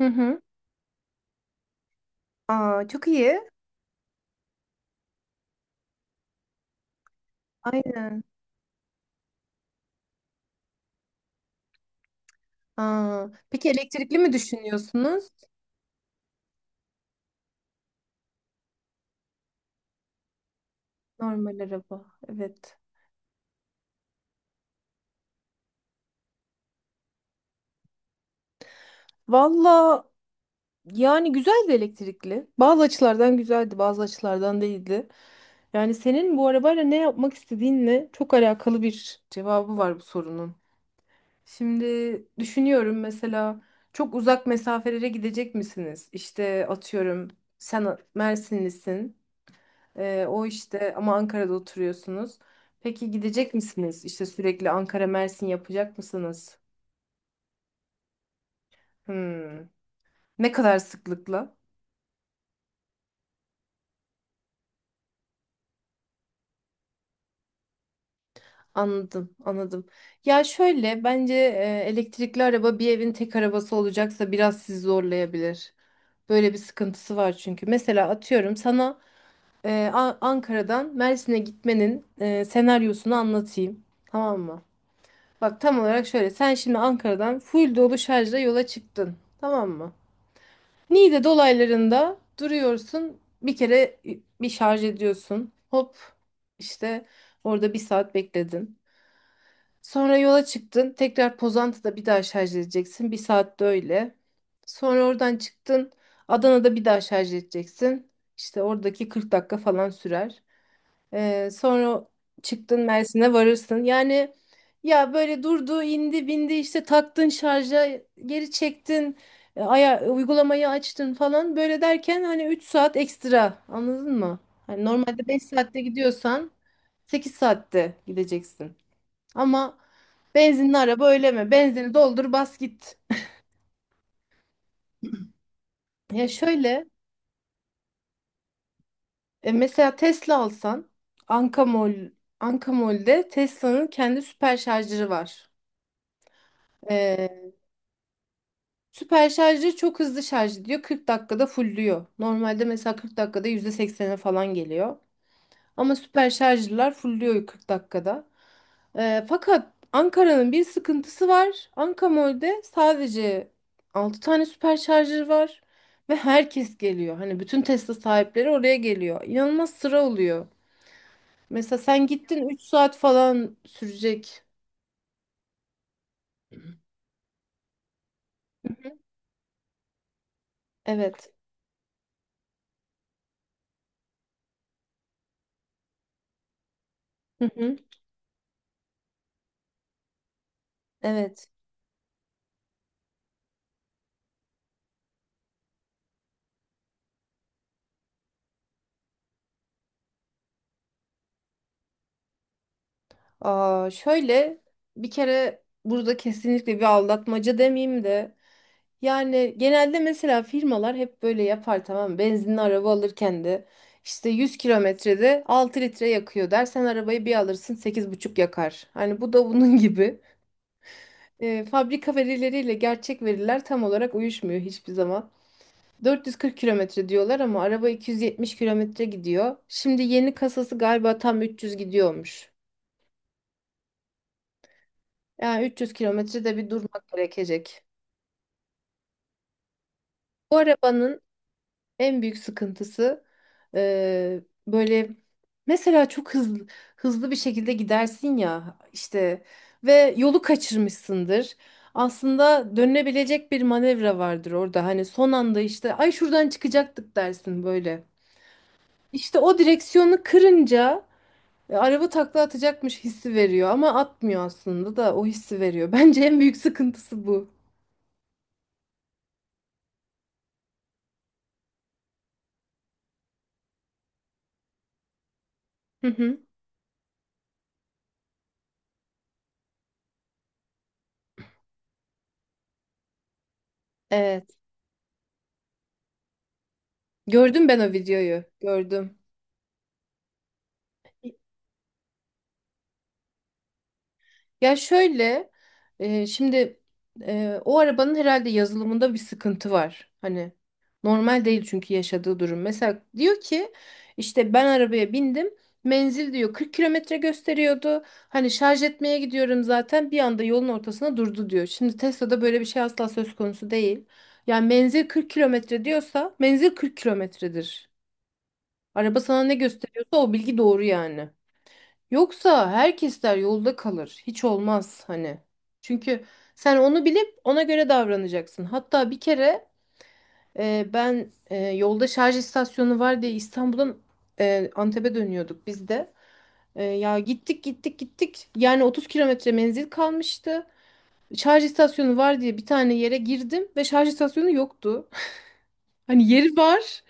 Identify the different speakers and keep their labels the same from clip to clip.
Speaker 1: Hı hı. Aa, çok iyi. Aynen. Aa, peki elektrikli mi düşünüyorsunuz? Normal araba. Evet. Valla yani güzeldi elektrikli. Bazı açılardan güzeldi, bazı açılardan değildi. Yani senin bu arabayla ne yapmak istediğinle çok alakalı bir cevabı var bu sorunun. Şimdi düşünüyorum mesela çok uzak mesafelere gidecek misiniz? İşte atıyorum sen Mersinlisin. O işte ama Ankara'da oturuyorsunuz. Peki gidecek misiniz? İşte sürekli Ankara Mersin yapacak mısınız? Hmm. Ne kadar sıklıkla? Anladım, anladım. Ya şöyle bence elektrikli araba bir evin tek arabası olacaksa biraz sizi zorlayabilir. Böyle bir sıkıntısı var çünkü. Mesela atıyorum sana Ankara'dan Mersin'e gitmenin senaryosunu anlatayım. Tamam mı? Bak tam olarak şöyle. Sen şimdi Ankara'dan full dolu şarjla yola çıktın. Tamam mı? Niğde dolaylarında duruyorsun. Bir kere bir şarj ediyorsun. Hop işte orada bir saat bekledin. Sonra yola çıktın. Tekrar Pozantı'da bir daha şarj edeceksin. Bir saatte öyle. Sonra oradan çıktın. Adana'da bir daha şarj edeceksin. İşte oradaki 40 dakika falan sürer. Sonra çıktın Mersin'e varırsın. Yani ya böyle durdu, indi, bindi işte taktın şarja, geri çektin, aya uygulamayı açtın falan. Böyle derken hani 3 saat ekstra anladın mı? Hani normalde 5 saatte gidiyorsan 8 saatte gideceksin. Ama benzinli araba öyle mi? Benzini doldur bas git. Ya şöyle mesela Tesla alsan Ankamol, Ankamol'de Tesla'nın kendi süper şarjları var. Süper şarjı çok hızlı şarj ediyor. 40 dakikada fullüyor. Normalde mesela 40 dakikada %80'e falan geliyor. Ama süper şarjlılar fullüyor 40 dakikada. Fakat Ankara'nın bir sıkıntısı var. Ankamol'de sadece 6 tane süper şarjı var. Ve herkes geliyor. Hani bütün Tesla sahipleri oraya geliyor. İnanılmaz sıra oluyor. Mesela sen gittin 3 saat falan sürecek. Evet. Hı hı. Evet. Aa, şöyle bir kere burada kesinlikle bir aldatmaca demeyeyim de yani genelde mesela firmalar hep böyle yapar tamam mı? Benzinli araba alırken de işte 100 kilometrede 6 litre yakıyor der. Sen arabayı bir alırsın 8,5 yakar. Hani bu da bunun gibi. Fabrika verileriyle gerçek veriler tam olarak uyuşmuyor hiçbir zaman. 440 kilometre diyorlar ama araba 270 kilometre gidiyor. Şimdi yeni kasası galiba tam 300 gidiyormuş. Yani 300 kilometrede bir durmak gerekecek. Bu arabanın en büyük sıkıntısı e, böyle mesela çok hızlı hızlı bir şekilde gidersin ya işte ve yolu kaçırmışsındır. Aslında dönülebilecek bir manevra vardır orada. Hani son anda işte ay şuradan çıkacaktık dersin böyle. İşte o direksiyonu kırınca araba takla atacakmış hissi veriyor ama atmıyor aslında da o hissi veriyor. Bence en büyük sıkıntısı bu. Hı hı. Evet. Gördüm ben o videoyu. Gördüm. Ya şöyle şimdi o arabanın herhalde yazılımında bir sıkıntı var. Hani normal değil çünkü yaşadığı durum. Mesela diyor ki işte ben arabaya bindim. Menzil diyor 40 kilometre gösteriyordu. Hani şarj etmeye gidiyorum zaten bir anda yolun ortasına durdu diyor. Şimdi Tesla'da böyle bir şey asla söz konusu değil. Yani menzil 40 kilometre diyorsa menzil 40 kilometredir. Araba sana ne gösteriyorsa o bilgi doğru yani. Yoksa herkesler yolda kalır. Hiç olmaz hani. Çünkü sen onu bilip ona göre davranacaksın. Hatta bir kere ben yolda şarj istasyonu var diye İstanbul'dan Antep'e dönüyorduk biz de. Ya gittik gittik gittik. Yani 30 kilometre menzil kalmıştı. Şarj istasyonu var diye bir tane yere girdim ve şarj istasyonu yoktu. Hani yeri var.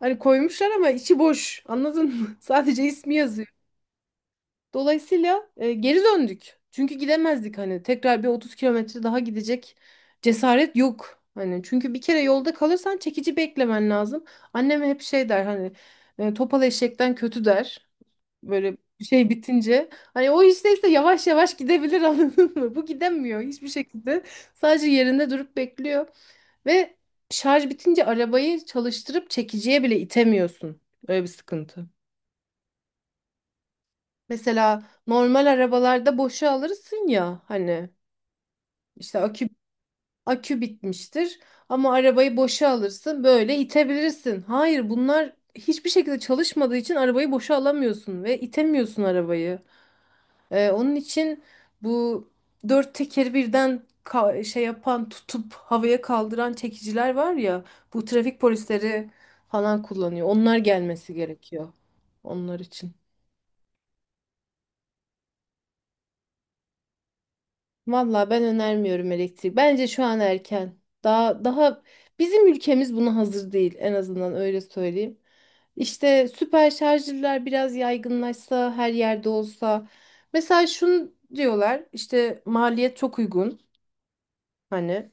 Speaker 1: Hani koymuşlar ama içi boş. Anladın mı? Sadece ismi yazıyor. Dolayısıyla geri döndük. Çünkü gidemezdik hani tekrar bir 30 kilometre daha gidecek cesaret yok. Hani çünkü bir kere yolda kalırsan çekici beklemen lazım. Annem hep şey der hani topal eşekten kötü der. Böyle bir şey bitince hani o işteyse yavaş yavaş gidebilir anladın mı? Bu gidemiyor hiçbir şekilde. Sadece yerinde durup bekliyor ve şarj bitince arabayı çalıştırıp çekiciye bile itemiyorsun. Öyle bir sıkıntı. Mesela normal arabalarda boşa alırsın ya hani işte akü bitmiştir ama arabayı boşa alırsın böyle itebilirsin. Hayır bunlar hiçbir şekilde çalışmadığı için arabayı boşa alamıyorsun ve itemiyorsun arabayı. Onun için bu dört tekeri birden şey yapan tutup havaya kaldıran çekiciler var ya bu trafik polisleri falan kullanıyor. Onlar gelmesi gerekiyor onlar için. Vallahi ben önermiyorum elektrik. Bence şu an erken. Daha daha bizim ülkemiz buna hazır değil en azından öyle söyleyeyim. İşte süper şarjlılar biraz yaygınlaşsa, her yerde olsa. Mesela şunu diyorlar, işte maliyet çok uygun hani.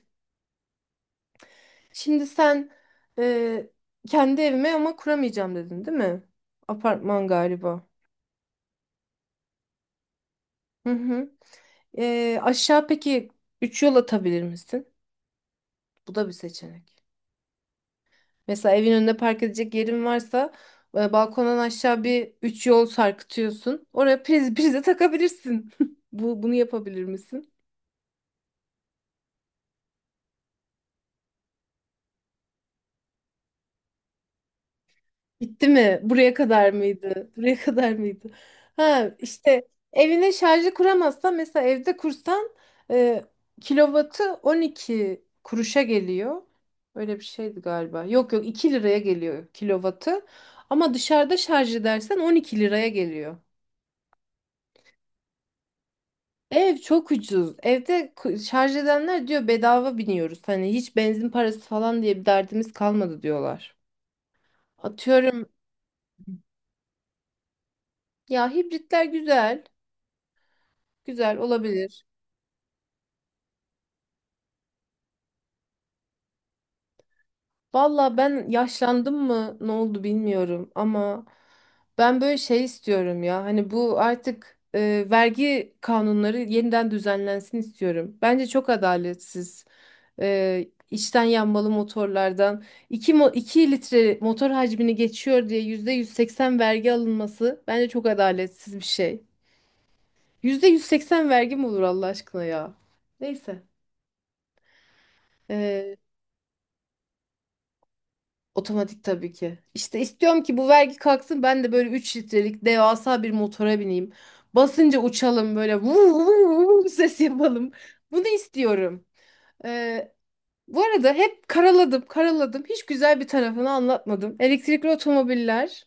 Speaker 1: Şimdi sen e, kendi evime ama kuramayacağım dedin, değil mi? Apartman galiba. Hı hı. Aşağı peki 3 yol atabilir misin? Bu da bir seçenek. Mesela evin önünde park edecek yerin varsa balkondan aşağı bir üç yol sarkıtıyorsun. Oraya priz prize takabilirsin. Bu bunu yapabilir misin? Bitti mi? Buraya kadar mıydı? Buraya kadar mıydı? Ha işte evine şarjı kuramazsan mesela evde kursan e, kilovatı 12 kuruşa geliyor. Öyle bir şeydi galiba. Yok yok 2 liraya geliyor kilovatı. Ama dışarıda şarj edersen 12 liraya geliyor. Ev çok ucuz. Evde şarj edenler diyor bedava biniyoruz. Hani hiç benzin parası falan diye bir derdimiz kalmadı diyorlar. Atıyorum ya hibritler güzel. Güzel olabilir. Valla ben yaşlandım mı ne oldu bilmiyorum ama ben böyle şey istiyorum ya hani bu artık vergi kanunları yeniden düzenlensin istiyorum. Bence çok adaletsiz. İçten yanmalı motorlardan 2 mo 2 litre motor hacmini geçiyor diye %180 vergi alınması bence çok adaletsiz bir şey. %180 vergi mi olur Allah aşkına ya? Neyse. E, Otomatik tabii ki. İşte istiyorum ki bu vergi kalksın ben de böyle 3 litrelik devasa bir motora bineyim. Basınca uçalım böyle vuv vuv vuv ses yapalım. Bunu istiyorum. Ee, Bu arada hep karaladım karaladım. Hiç güzel bir tarafını anlatmadım. Elektrikli otomobiller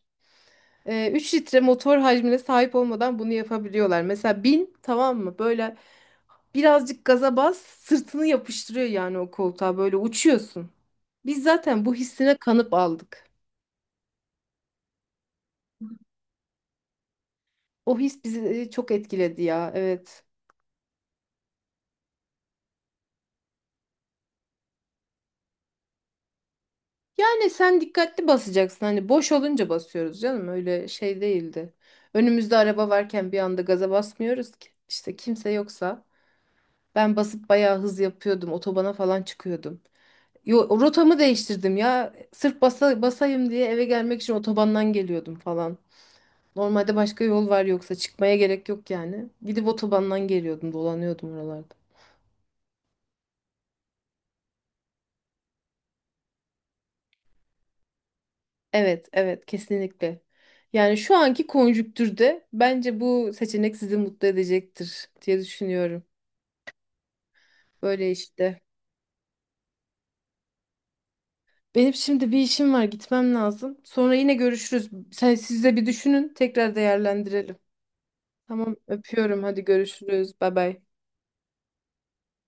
Speaker 1: 3 litre motor hacmine sahip olmadan bunu yapabiliyorlar. Mesela bin tamam mı? Böyle birazcık gaza bas sırtını yapıştırıyor yani o koltuğa böyle uçuyorsun. Biz zaten bu hissine kanıp aldık. O his bizi çok etkiledi ya. Evet. Yani sen dikkatli basacaksın. Hani boş olunca basıyoruz canım. Öyle şey değildi. Önümüzde araba varken bir anda gaza basmıyoruz ki. İşte kimse yoksa ben basıp bayağı hız yapıyordum. Otobana falan çıkıyordum. Yo, rotamı değiştirdim ya. Sırf basa, basayım diye eve gelmek için otobandan geliyordum falan. Normalde başka yol var yoksa çıkmaya gerek yok yani. Gidip otobandan geliyordum, dolanıyordum oralarda. Evet, evet kesinlikle. Yani şu anki konjüktürde bence bu seçenek sizi mutlu edecektir diye düşünüyorum. Böyle işte. Benim şimdi bir işim var, gitmem lazım. Sonra yine görüşürüz. Sen siz de bir düşünün, tekrar değerlendirelim. Tamam, öpüyorum. Hadi görüşürüz. Bay bay.